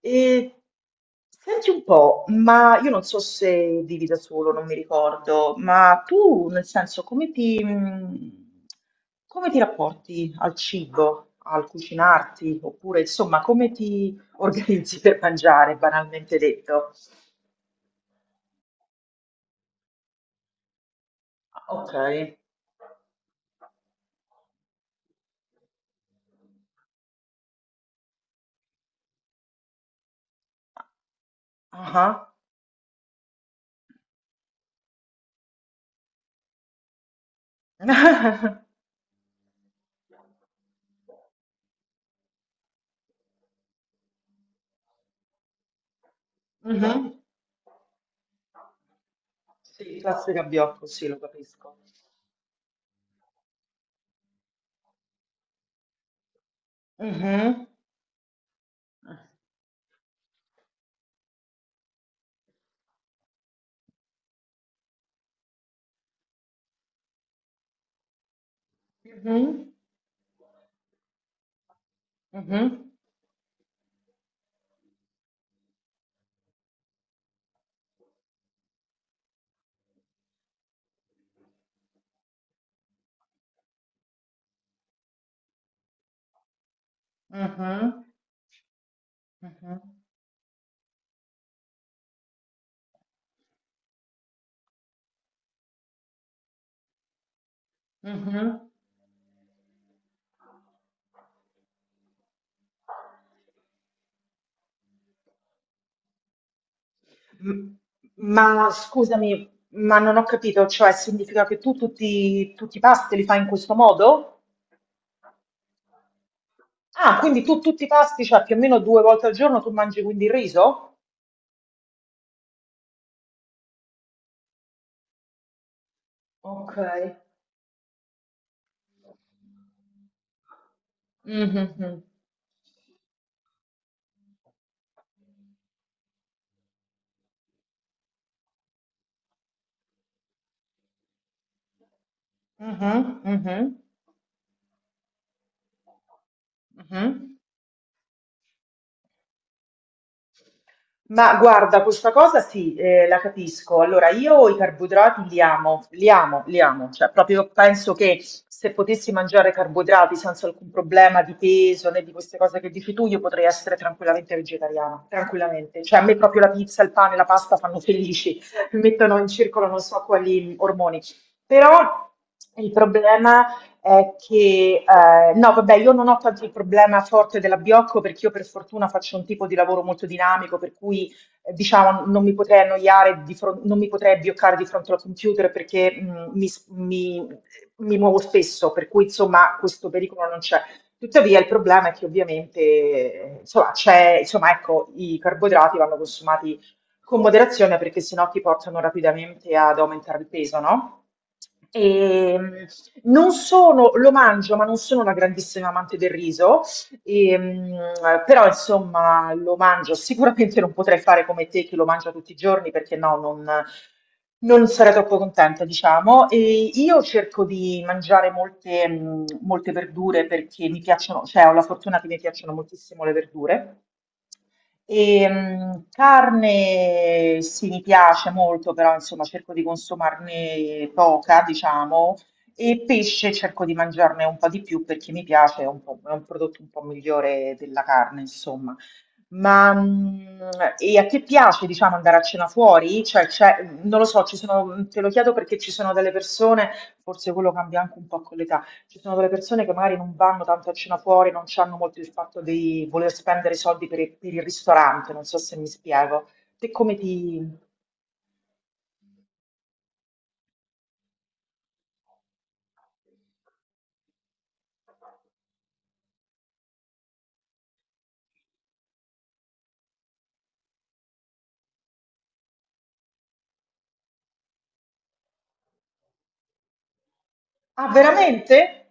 E senti un po', ma io non so se vivi da solo, non mi ricordo, ma tu nel senso come ti rapporti al cibo, al cucinarti, oppure insomma come ti organizzi per mangiare, banalmente detto? Ok. Ah. Mhm. Sì, classe gabbiotto, sì, lo capisco. Mhm. Mhm. Mhm. Mhm. Mhm. Mhm. M- Ma scusami, ma non ho capito, cioè significa che tu tutti i pasti li fai in questo modo? Ah, quindi tu tutti i pasti, cioè più o meno due volte al giorno tu mangi quindi il riso? Ok. Mhm, mhm. Mhm, mhm, mhm. Ma guarda, questa cosa sì, la capisco. Allora, io i carboidrati li amo, li amo, li amo. Cioè, proprio penso che se potessi mangiare carboidrati senza alcun problema di peso né di queste cose che dici tu, io potrei essere tranquillamente vegetariana, tranquillamente. Cioè, a me proprio la pizza, il pane, la pasta fanno felici, mi mettono in circolo non so quali ormoni. Però il problema è che, no, vabbè, io non ho tanto il problema forte dell'abbiocco perché io per fortuna faccio un tipo di lavoro molto dinamico, per cui diciamo non mi potrei annoiare, non mi potrei abbioccare di fronte al computer perché mi muovo spesso, per cui insomma questo pericolo non c'è. Tuttavia il problema è che ovviamente insomma, c'è, insomma, ecco, i carboidrati vanno consumati con moderazione perché sennò ti portano rapidamente ad aumentare il peso, no? E, mh, non sono, lo mangio, ma non sono una grandissima amante del riso, però insomma lo mangio. Sicuramente non potrei fare come te che lo mangia tutti i giorni perché no, non, non sarei troppo contenta, diciamo. E io cerco di mangiare molte verdure perché mi piacciono, cioè ho la fortuna che mi piacciono moltissimo le verdure. Carne sì, mi piace molto, però insomma cerco di consumarne poca, diciamo, e pesce cerco di mangiarne un po' di più perché mi piace, è un prodotto un po' migliore della carne, insomma. Ma mh, e a te piace, diciamo, andare a cena fuori? Cioè, non lo so, ci sono, te lo chiedo perché ci sono delle persone, forse quello cambia anche un po' con l'età. Ci sono delle persone che magari non vanno tanto a cena fuori, non hanno molto il fatto di voler spendere i soldi per il ristorante, non so se mi spiego. Te come ti... Ah, veramente?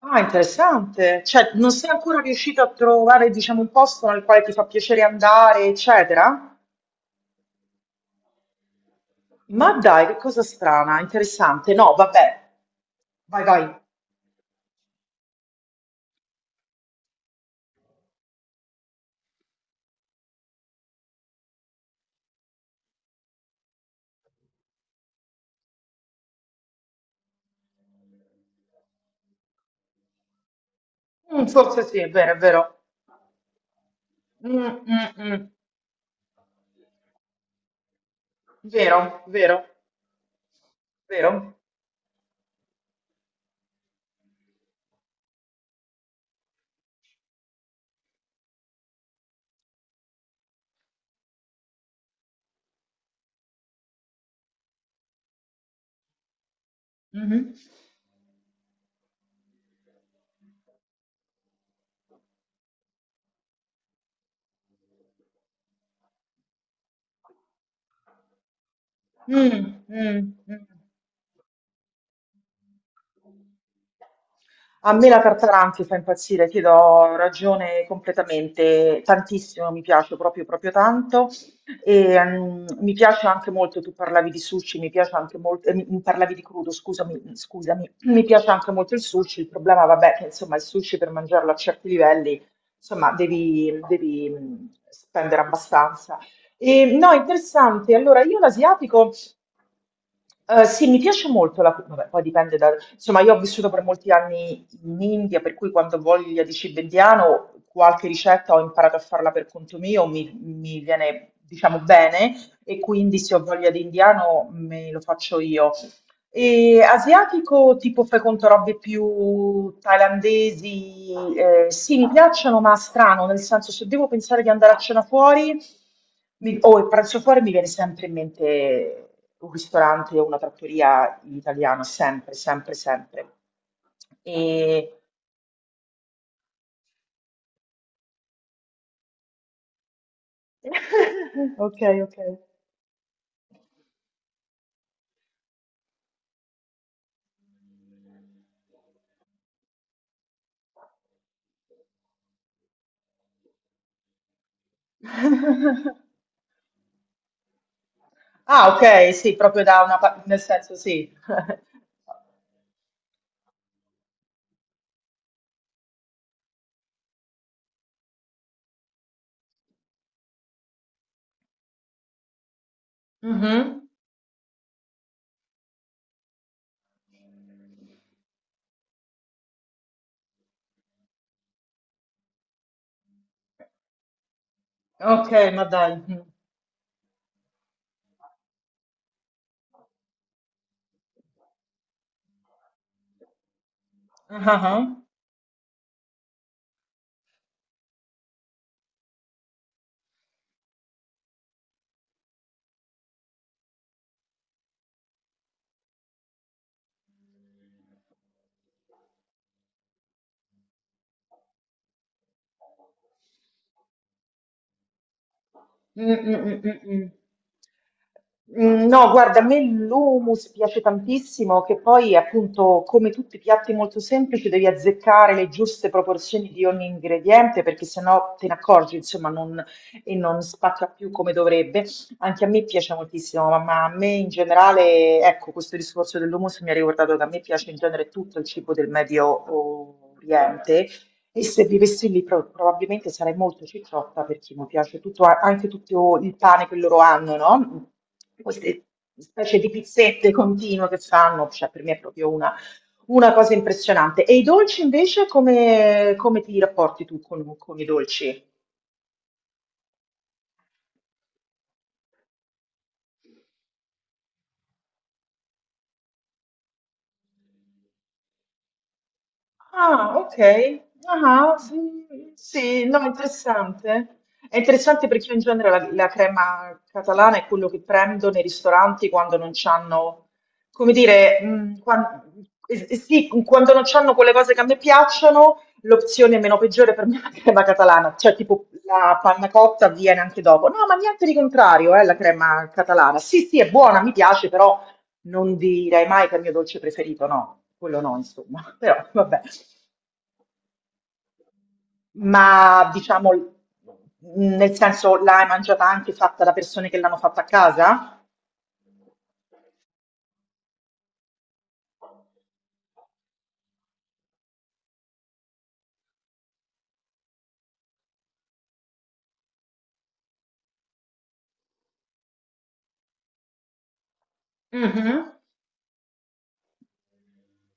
Ah, interessante. Cioè, non sei ancora riuscito a trovare, diciamo, un posto nel quale ti fa piacere andare, eccetera? Ma dai, che cosa strana, interessante. No, vabbè. Vai, vai. Mm, forse sì, è vero, è vero. Mm, mm, mm. Vero, vero. Mhm. Mh, mh, mh. A me la Tartaranchi fa impazzire, ti do ragione completamente, tantissimo mi piace, proprio, proprio tanto. Mi piace anche molto, tu parlavi di sushi, mi piace anche molto, mi parlavi di crudo, scusami, scusami, mi piace anche molto il sushi, il problema, vabbè, che insomma il sushi per mangiarlo a certi livelli, insomma, devi spendere abbastanza. E, no, interessante, allora io l'asiatico... sì, mi piace molto la, vabbè, poi dipende da, insomma, io ho vissuto per molti anni in India, per cui quando ho voglia di cibo indiano, qualche ricetta ho imparato a farla per conto mio, mi viene, diciamo, bene, e quindi se ho voglia di indiano me lo faccio io. E asiatico, tipo fai conto robe più thailandesi, sì, mi piacciono, ma strano, nel senso se devo pensare di andare a cena fuori o il pranzo fuori mi viene sempre in mente un ristorante o una trattoria italiana, sempre, sempre, sempre. E... Ok, ok. Ah, ok, sì, proprio da una parte, nel senso sì. Mhm. Ok, ma dai. Mhm. Ah, ah, ah. Mm, mm, mm, mm, mm. Mm, no, guarda, a me l'hummus piace tantissimo, che poi appunto come tutti i piatti molto semplici devi azzeccare le giuste proporzioni di ogni ingrediente perché sennò te ne accorgi, insomma, non, e non spacca più come dovrebbe. Anche a me piace moltissimo, ma a me in generale, ecco, questo discorso dell'hummus mi ha ricordato che a me piace in genere tutto il cibo del Medio Oriente e se vivessi lì probabilmente sarei molto cicciotta perché mi piace tutto, anche tutto il pane che loro hanno, no? Queste specie di pizzette continue che fanno, cioè per me è proprio una cosa impressionante. E i dolci invece come, come ti rapporti tu con i dolci? Ah, ok. Ah, sì, sì, no, interessante. È interessante perché io in genere la, la crema catalana è quello che prendo nei ristoranti quando non c'hanno, come dire, sì, quando non c'hanno quelle cose che a me piacciono, l'opzione meno peggiore per me è la crema catalana, cioè tipo la panna cotta avviene anche dopo. No, ma niente di contrario, la crema catalana. Sì, sì, è buona, mi piace, però non direi mai che è il mio dolce preferito, no, quello no, insomma, però vabbè. Ma diciamo, nel senso, l'hai mangiata anche fatta da persone che l'hanno fatta a casa? Mhm,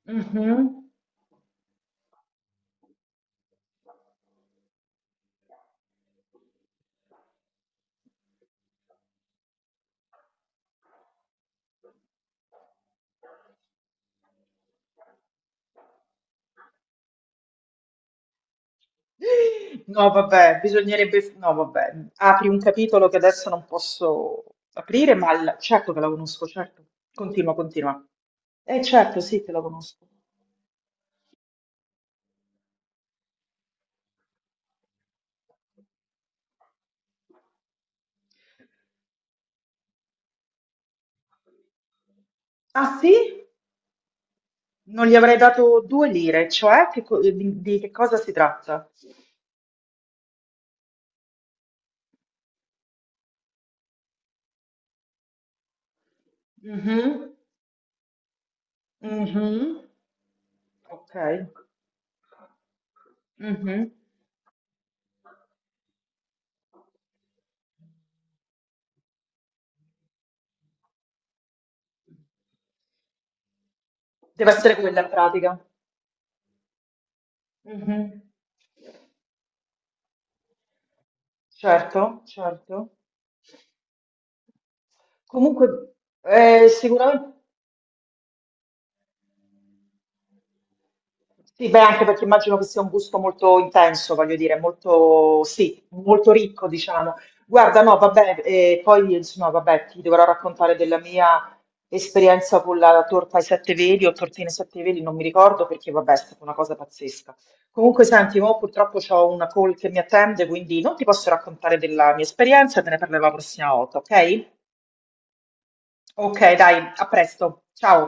mhm. No, vabbè, bisognerebbe... No, vabbè, apri un capitolo che adesso non posso aprire, ma certo che la conosco, certo. Continua, continua. Certo, sì, che la conosco. Ah, sì? Non gli avrei dato due lire, cioè che di che cosa si tratta? Mhm. Mhm. Ok. Mhm. Deve essere quella in pratica. Mhm. Certo, certo. Comunque, sicuramente. Sì, beh, anche perché immagino che sia un gusto molto intenso, voglio dire, molto, sì, molto ricco, diciamo. Guarda, no, vabbè, poi insomma, vabbè, ti dovrò raccontare della mia esperienza con la torta ai sette veli o tortine ai sette veli, non mi ricordo perché, vabbè, è stata una cosa pazzesca. Comunque, senti, mo purtroppo ho una call che mi attende, quindi non ti posso raccontare della mia esperienza, te ne parlerò la prossima volta, ok? Ok, dai, a presto, ciao.